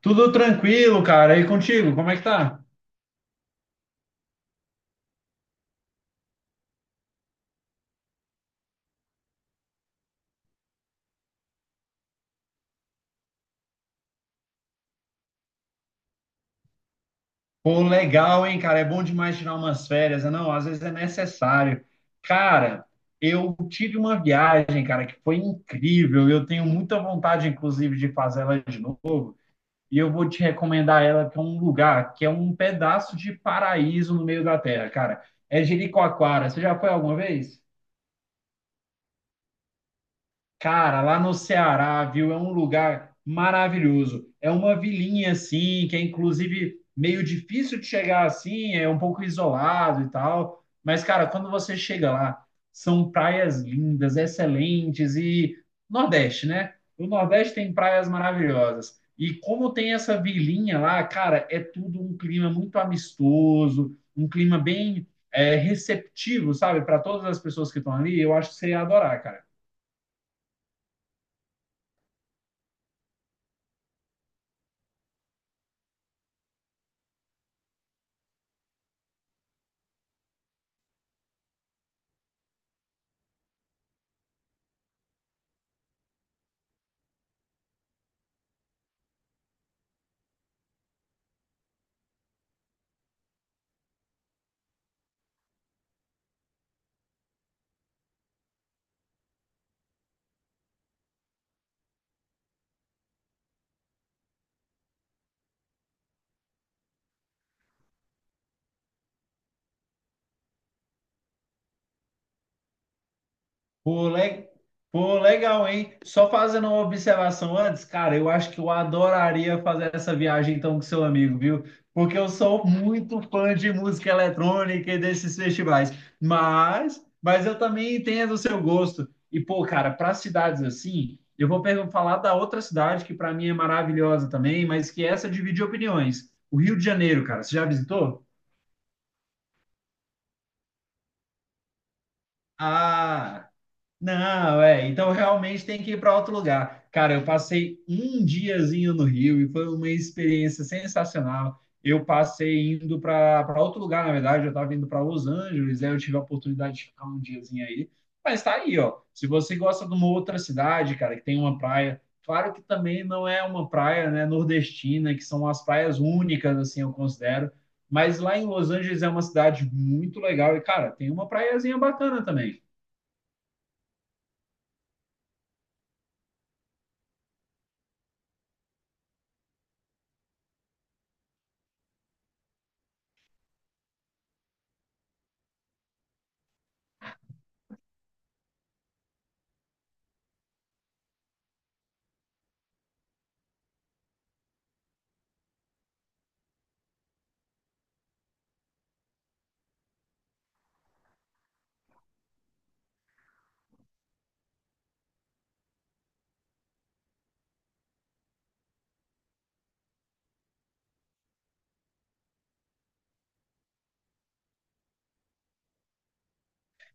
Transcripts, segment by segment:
Tudo tranquilo, cara. E contigo, como é que tá? Pô, legal, hein, cara? É bom demais tirar umas férias, né? Não, às vezes é necessário. Cara, eu tive uma viagem, cara, que foi incrível. Eu tenho muita vontade, inclusive, de fazer ela de novo. E eu vou te recomendar ela, que é um lugar, que é um pedaço de paraíso no meio da terra, cara. É Jericoacoara. Você já foi alguma vez? Cara, lá no Ceará, viu? É um lugar maravilhoso. É uma vilinha assim, que é inclusive meio difícil de chegar assim, é um pouco isolado e tal. Mas, cara, quando você chega lá, são praias lindas, excelentes e Nordeste, né? O Nordeste tem praias maravilhosas. E como tem essa vilinha lá, cara, é tudo um clima muito amistoso, um clima bem receptivo, sabe? Para todas as pessoas que estão ali, eu acho que você ia adorar, cara. Pô, le- Pô, legal, hein? Só fazendo uma observação antes, cara, eu acho que eu adoraria fazer essa viagem então com seu amigo, viu? Porque eu sou muito fã de música eletrônica e desses festivais. Mas eu também entendo o seu gosto. E, pô, cara, para cidades assim, falar da outra cidade que para mim é maravilhosa também, mas que essa divide opiniões. O Rio de Janeiro, cara, você já visitou? Ah. Não, é. Então realmente tem que ir para outro lugar. Cara, eu passei um diazinho no Rio e foi uma experiência sensacional. Eu passei indo para outro lugar, na verdade, eu estava indo para Los Angeles, aí eu tive a oportunidade de ficar um diazinho aí. Mas tá aí, ó. Se você gosta de uma outra cidade, cara, que tem uma praia, claro que também não é uma praia, né, nordestina, que são as praias únicas, assim, eu considero. Mas lá em Los Angeles é uma cidade muito legal e, cara, tem uma praiazinha bacana também.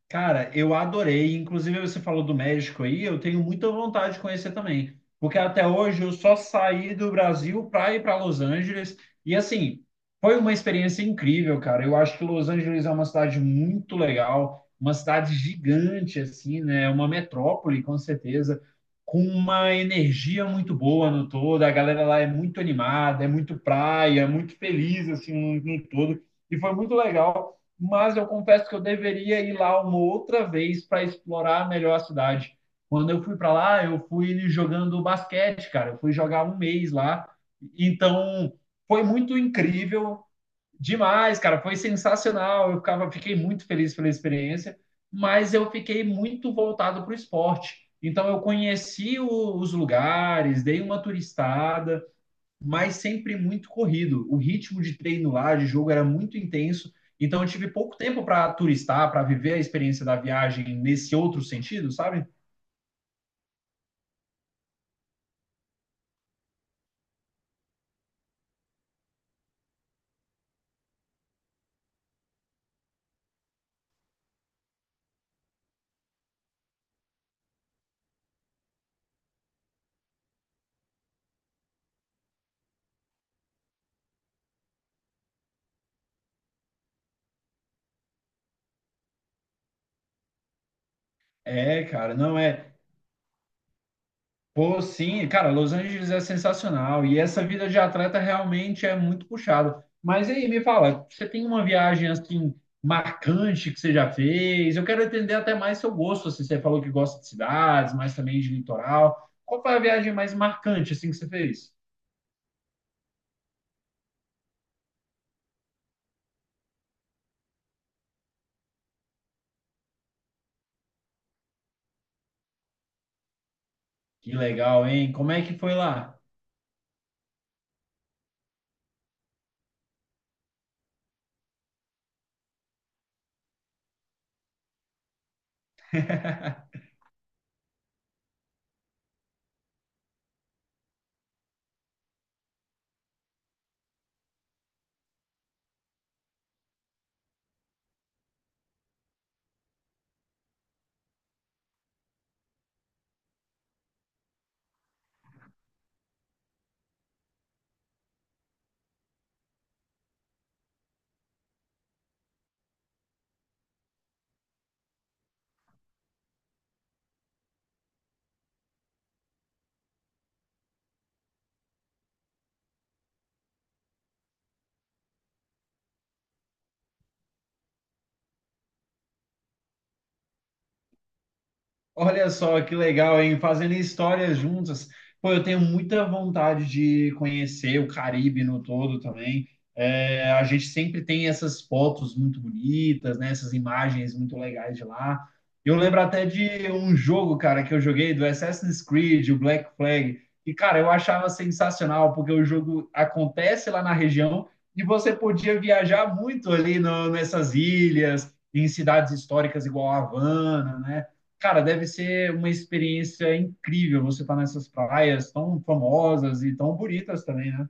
Cara, eu adorei. Inclusive, você falou do México aí, eu tenho muita vontade de conhecer também. Porque até hoje eu só saí do Brasil para ir para Los Angeles. E assim, foi uma experiência incrível, cara. Eu acho que Los Angeles é uma cidade muito legal, uma cidade gigante, assim, né? É uma metrópole, com certeza, com uma energia muito boa no todo. A galera lá é muito animada, é muito praia, é muito feliz, assim, no todo. E foi muito legal, mas eu confesso que eu deveria ir lá uma outra vez para explorar melhor a cidade. Quando eu fui para lá, eu fui jogando basquete, cara. Eu fui jogar um mês lá. Então, foi muito incrível, demais, cara. Foi sensacional. Fiquei muito feliz pela experiência, mas eu fiquei muito voltado para o esporte. Então, eu conheci os lugares, dei uma turistada, mas sempre muito corrido. O ritmo de treino lá, de jogo, era muito intenso. Então eu tive pouco tempo para turistar, para viver a experiência da viagem nesse outro sentido, sabe? É, cara, não é. Pô, sim, cara, Los Angeles é sensacional e essa vida de atleta realmente é muito puxado. Mas aí me fala, você tem uma viagem assim marcante que você já fez? Eu quero entender até mais seu gosto, assim, você falou que gosta de cidades, mas também de litoral. Qual foi a viagem mais marcante assim que você fez? Que legal, hein? Como é que foi lá? Olha só que legal, hein? Fazendo histórias juntas. Pô, eu tenho muita vontade de conhecer o Caribe no todo também. É, a gente sempre tem essas fotos muito bonitas, né? Essas imagens muito legais de lá. Eu lembro até de um jogo, cara, que eu joguei do Assassin's Creed, o Black Flag. E, cara, eu achava sensacional, porque o jogo acontece lá na região e você podia viajar muito ali nessas ilhas, em cidades históricas igual a Havana, né? Cara, deve ser uma experiência incrível você estar nessas praias tão famosas e tão bonitas também, né?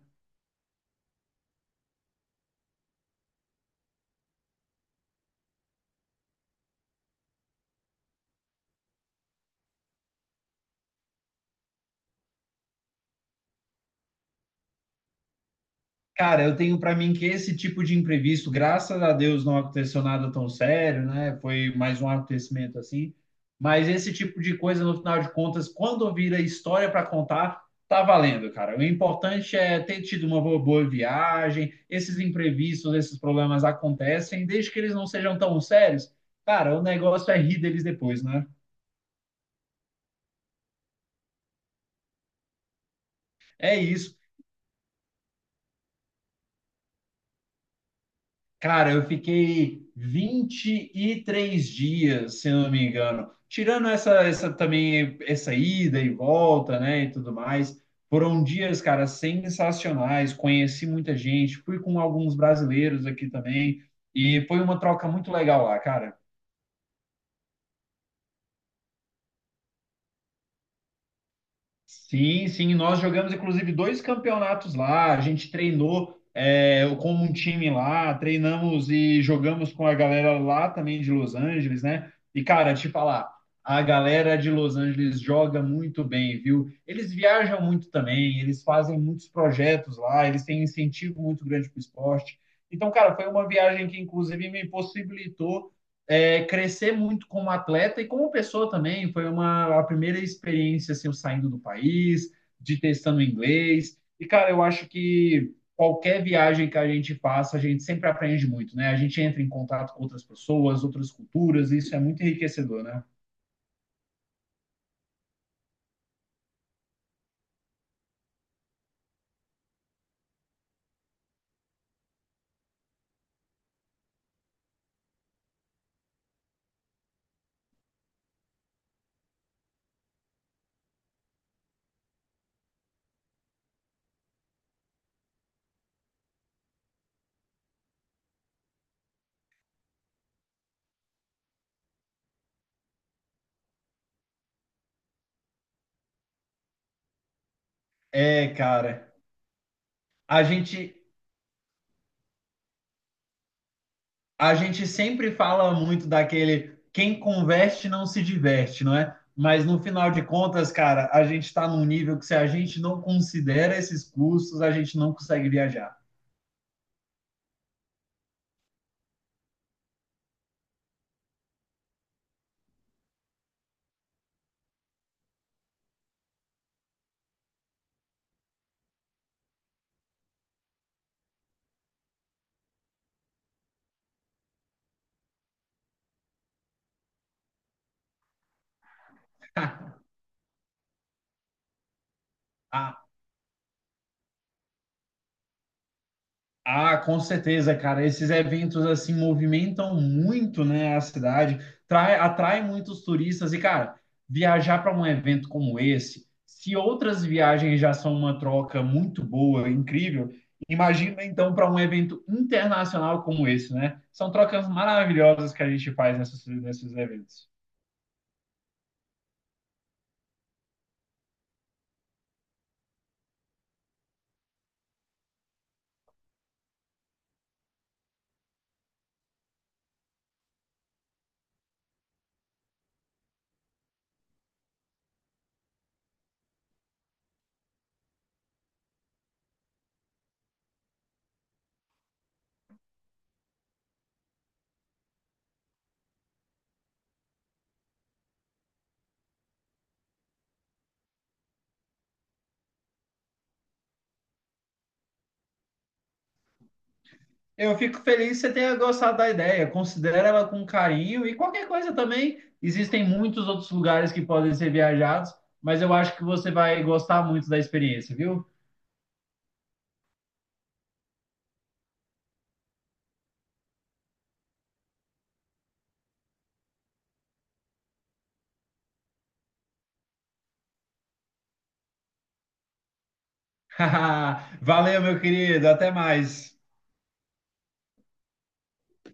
Cara, eu tenho para mim que esse tipo de imprevisto, graças a Deus, não aconteceu nada tão sério, né? Foi mais um acontecimento assim. Mas esse tipo de coisa, no final de contas, quando vira história para contar, tá valendo, cara. O importante é ter tido uma boa viagem. Esses imprevistos, esses problemas acontecem, desde que eles não sejam tão sérios. Cara, o negócio é rir deles depois, né? É isso. Cara, eu fiquei 23 dias, se eu não me engano. Tirando essa, essa ida e volta, né, e tudo mais. Foram dias, cara, sensacionais. Conheci muita gente, fui com alguns brasileiros aqui também. E foi uma troca muito legal lá, cara. Sim, sim, nós jogamos inclusive dois campeonatos lá. A gente treinou com um time lá, treinamos e jogamos com a galera lá também de Los Angeles, né? E cara, te falar, a galera de Los Angeles joga muito bem, viu? Eles viajam muito também, eles fazem muitos projetos lá, eles têm incentivo muito grande para o esporte. Então, cara, foi uma viagem que inclusive me possibilitou crescer muito como atleta e como pessoa também. Foi uma a primeira experiência assim, eu saindo do país, de testando inglês. E, cara, eu acho que qualquer viagem que a gente faça, a gente sempre aprende muito, né? A gente entra em contato com outras pessoas, outras culturas, e isso é muito enriquecedor, né? É, cara. A gente A gente sempre fala muito daquele quem converte não se diverte, não é? Mas no final de contas, cara, a gente está num nível que se a gente não considera esses custos, a gente não consegue viajar. Ah, com certeza, cara. Esses eventos assim movimentam muito, né, a cidade, atrai muitos turistas e, cara, viajar para um evento como esse, se outras viagens já são uma troca muito boa, incrível, imagina então para um evento internacional como esse, né? São trocas maravilhosas que a gente faz nesses eventos. Eu fico feliz que você tenha gostado da ideia. Considera ela com carinho e qualquer coisa também. Existem muitos outros lugares que podem ser viajados, mas eu acho que você vai gostar muito da experiência, viu? Valeu, meu querido. Até mais.